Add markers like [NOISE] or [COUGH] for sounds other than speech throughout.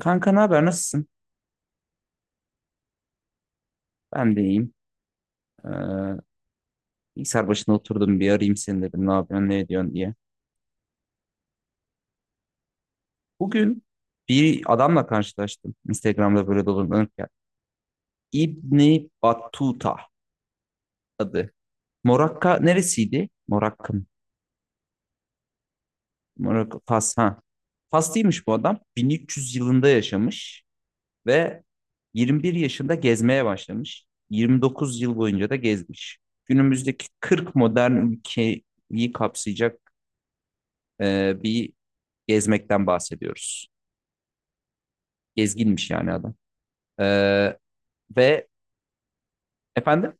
Kanka ne haber nasılsın? Ben de iyiyim. Ee, bilgisayar başına oturdum bir arayayım seni dedim ne yapıyorsun ne ediyorsun diye. Bugün bir adamla karşılaştım. Instagram'da böyle dolanırken. İbni Battuta adı. Morakka neresiydi? Morakka mı? Morakka Fas ha. Faslıymış bu adam. 1300 yılında yaşamış ve 21 yaşında gezmeye başlamış. 29 yıl boyunca da gezmiş. Günümüzdeki 40 modern ülkeyi kapsayacak bir gezmekten bahsediyoruz. Gezginmiş yani adam. Ee, ve efendim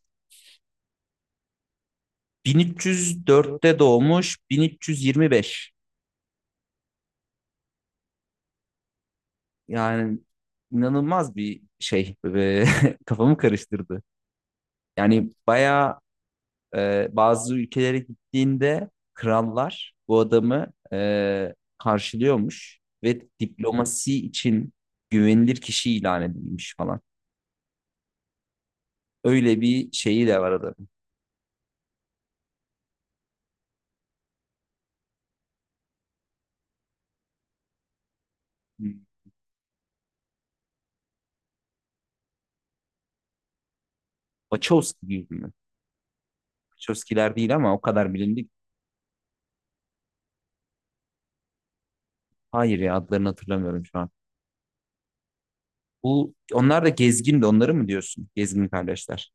1304'te doğmuş 1325. Yani inanılmaz bir şey. [LAUGHS] Kafamı karıştırdı. Yani bayağı bazı ülkelere gittiğinde krallar bu adamı karşılıyormuş ve diplomasi için güvenilir kişi ilan edilmiş falan. Öyle bir şeyi de var adamın. Wachowski gibi mi? Chomsky'ler değil ama o kadar bilindik. Hayır ya adlarını hatırlamıyorum şu an. Bu onlar da gezgin onları mı diyorsun? Gezgin kardeşler.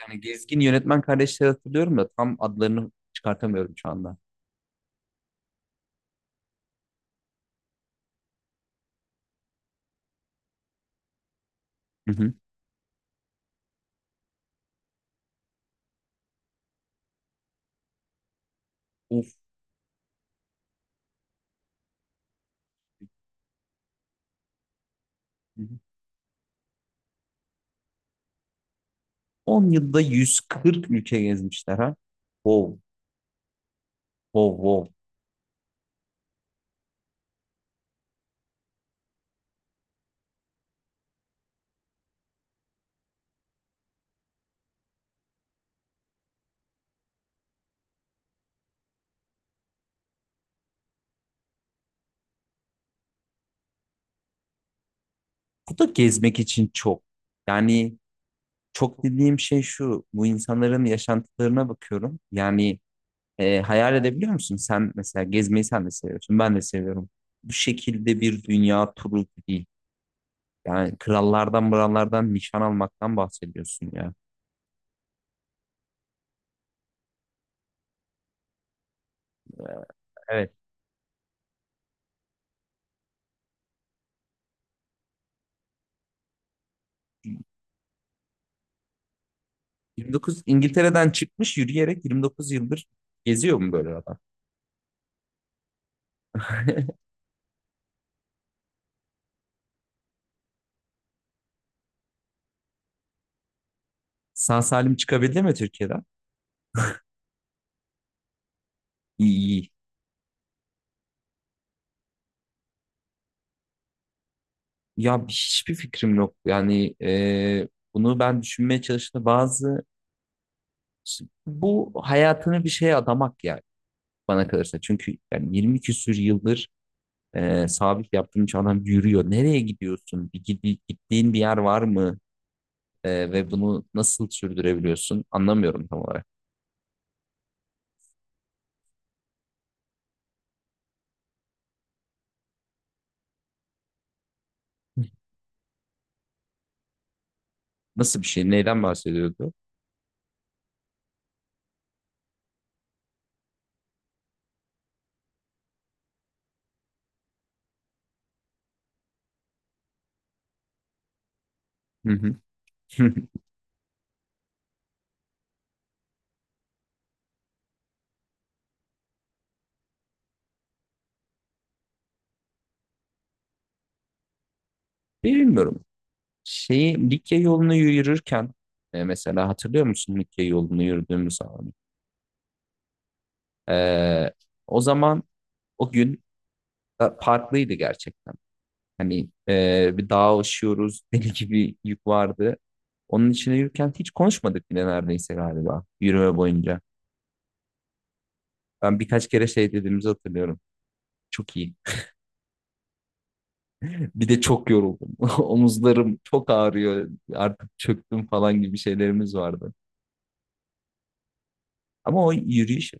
Yani gezgin yönetmen kardeşleri hatırlıyorum da tam adlarını çıkartamıyorum şu anda. Hı hı. Of. Hı hı. 10 yılda 140 ülke gezmişler ha. Wow, wow, wow. Bu da gezmek için çok. Yani çok dediğim şey şu. Bu insanların yaşantılarına bakıyorum. Yani hayal edebiliyor musun? Sen mesela gezmeyi sen de seviyorsun. Ben de seviyorum. Bu şekilde bir dünya turu değil. Yani krallardan mırallardan nişan almaktan bahsediyorsun ya. E, evet. 29 İngiltere'den çıkmış yürüyerek 29 yıldır geziyor mu böyle adam? [LAUGHS] Sağ salim çıkabildi mi Türkiye'den? İyi iyi. Ya hiçbir fikrim yok. Yani bunu ben düşünmeye çalıştım. Bazı bu hayatını bir şeye adamak yani bana kalırsa. Çünkü yani 20 küsür yıldır sabit yaptığım için adam yürüyor. Nereye gidiyorsun? Bir, gittiğin bir yer var mı? Ve bunu nasıl sürdürebiliyorsun? Anlamıyorum tam olarak. Nasıl bir şey? Neyden bahsediyordu? Hı hı. [LAUGHS] Bilmiyorum. Şeyi Likya yolunu yürürken mesela hatırlıyor musun Likya yolunu yürüdüğümüz zaman? Ee, o zaman o gün farklıydı gerçekten. Hani bir dağa aşıyoruz, [LAUGHS] deli gibi yük vardı. Onun içine yürürken hiç konuşmadık bile neredeyse galiba yürüme boyunca. Ben birkaç kere şey dediğimizi hatırlıyorum. Çok iyi. Bir de çok yoruldum. [LAUGHS] Omuzlarım çok ağrıyor. Artık çöktüm falan gibi şeylerimiz vardı. Ama o yürüyüş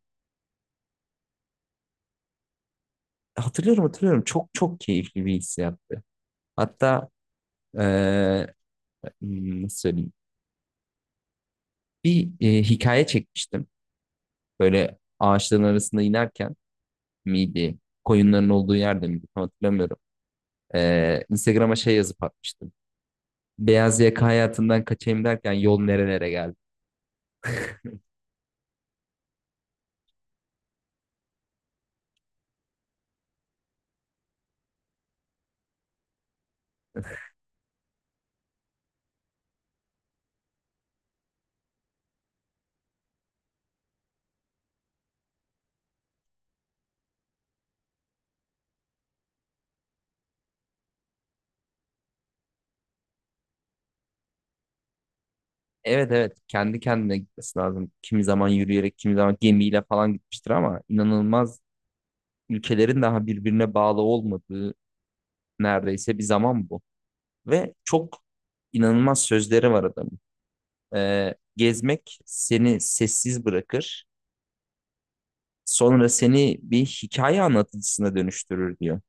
hatırlıyorum hatırlıyorum. Çok çok keyifli bir hissiyattı. Hatta eee, nasıl söyleyeyim? Bir hikaye çekmiştim. Böyle ağaçların arasında inerken miydi? Koyunların olduğu yerde miydi? Tam hatırlamıyorum. Instagram'a şey yazıp atmıştım. Beyaz yaka hayatından kaçayım derken yol nerelere geldi. Evet, evet, kendi kendine gitmesi lazım. Kimi zaman yürüyerek, kimi zaman gemiyle falan gitmiştir ama inanılmaz ülkelerin daha birbirine bağlı olmadığı neredeyse bir zaman bu. Ve çok inanılmaz sözleri var adamın. Gezmek seni sessiz bırakır, sonra seni bir hikaye anlatıcısına dönüştürür diyor.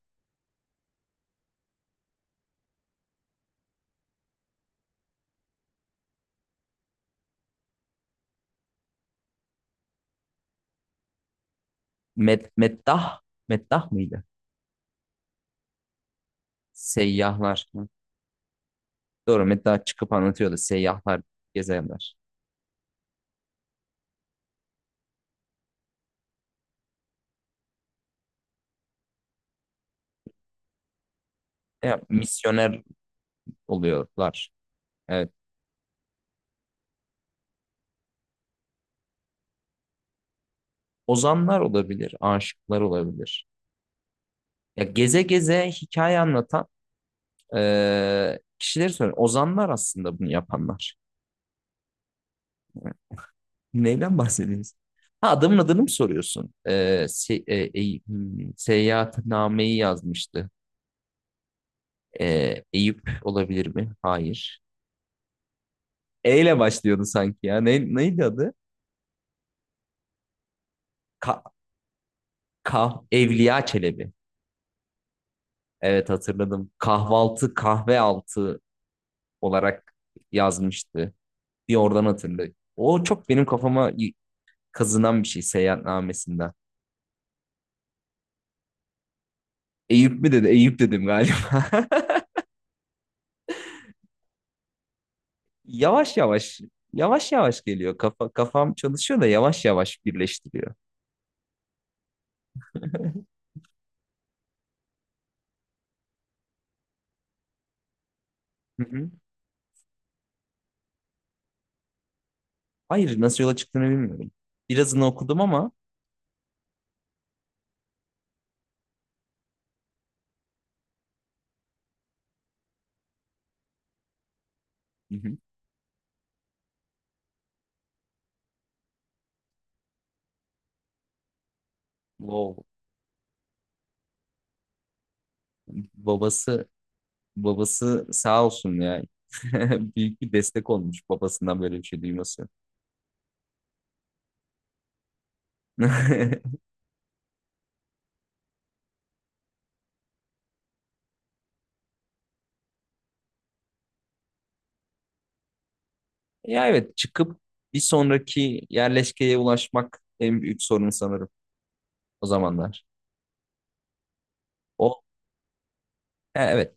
Meddah, meddah mıydı? Seyyahlar. Hı. Doğru, meddah çıkıp anlatıyordu seyyahlar, gezenler. Ya, misyoner oluyorlar. Ozanlar olabilir, aşıklar olabilir. Ya geze geze hikaye anlatan kişileri söylüyorum. Ozanlar aslında bunu yapanlar. [LAUGHS] Neyden bahsediyorsun? Ha adamın adını mı soruyorsun? E, se, e, Eyüp- hmm, seyahatnameyi yazmıştı. Eyüp olabilir mi? Hayır. E ile başlıyordu sanki ya. Neydi adı? Ka, Evliya Çelebi. Evet, hatırladım. Kahvaltı, kahve altı olarak yazmıştı, diye oradan hatırlıyor. O çok benim kafama kazınan bir şey seyahatnamesinden. Eyüp mü dedi? Eyüp dedim galiba. [LAUGHS] Yavaş yavaş, yavaş yavaş geliyor. Kafam çalışıyor da yavaş yavaş birleştiriyor. [LAUGHS] Hı hı. Hayır, nasıl yola çıktığını bilmiyorum. Birazını okudum ama. Hı hı. Wow, babası babası sağ olsun ya. [LAUGHS] Büyük bir destek olmuş babasından böyle bir şey duyması. [LAUGHS] Ya evet, çıkıp bir sonraki yerleşkeye ulaşmak en büyük sorun sanırım. O zamanlar. O, he, evet.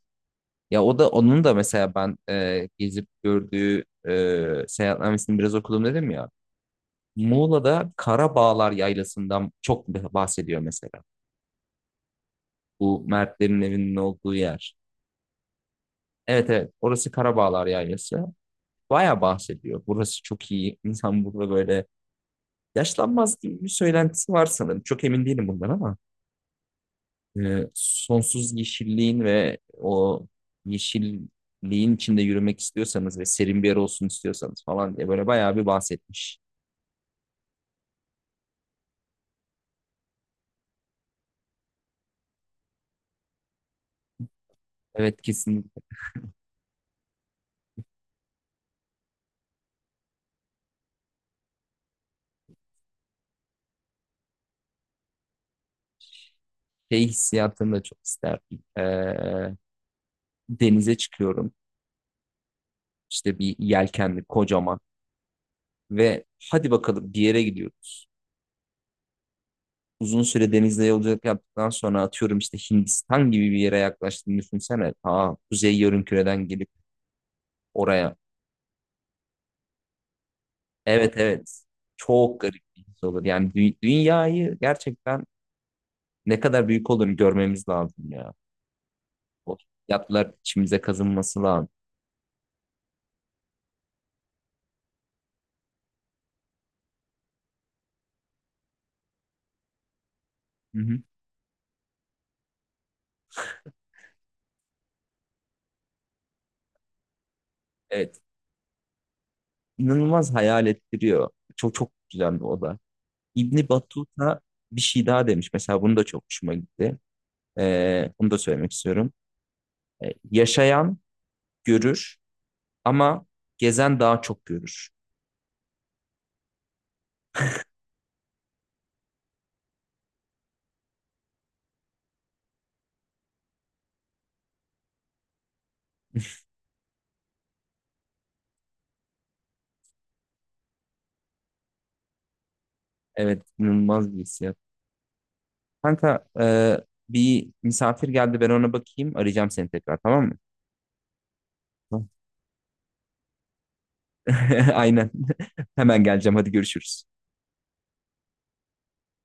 Ya o da onun da mesela ben gezip gördüğü seyahatnamesini biraz okudum dedim ya. Muğla'da Karabağlar Yaylası'ndan çok bahsediyor mesela. Bu Mertlerin evinin olduğu yer. Evet, evet, orası Karabağlar Yaylası. Baya bahsediyor. Burası çok iyi. İnsan burada böyle yaşlanmaz gibi bir söylentisi var sanırım. Çok emin değilim bundan ama. Sonsuz yeşilliğin ve o yeşilliğin içinde yürümek istiyorsanız ve serin bir yer olsun istiyorsanız falan diye böyle bayağı bir bahsetmiş. Evet, kesinlikle. Şey hissiyatını da çok isterdim. Denize çıkıyorum. İşte bir yelkenli kocaman ve hadi bakalım bir yere gidiyoruz. Uzun süre denizde yolculuk yaptıktan sonra atıyorum işte Hindistan gibi bir yere yaklaştığını düşünsene. Ta kuzey yarımküreden gelip oraya. Evet, evet. Çok garip bir his olur. Yani dünyayı gerçekten ne kadar büyük olduğunu görmemiz lazım ya. O yatlar içimize kazınması lazım. Hı hı. Evet. İnanılmaz hayal ettiriyor. Çok çok güzel bir oda. İbni Battuta bir şey daha demiş. Mesela bunu da çok hoşuma gitti. Bunu da söylemek istiyorum. Yaşayan görür ama gezen daha çok görür. Evet, inanılmaz bir his. Kanka bir misafir geldi, ben ona bakayım, arayacağım seni tekrar, tamam mı? Tamam. [LAUGHS] Aynen. [LAUGHS] Hemen geleceğim, hadi görüşürüz.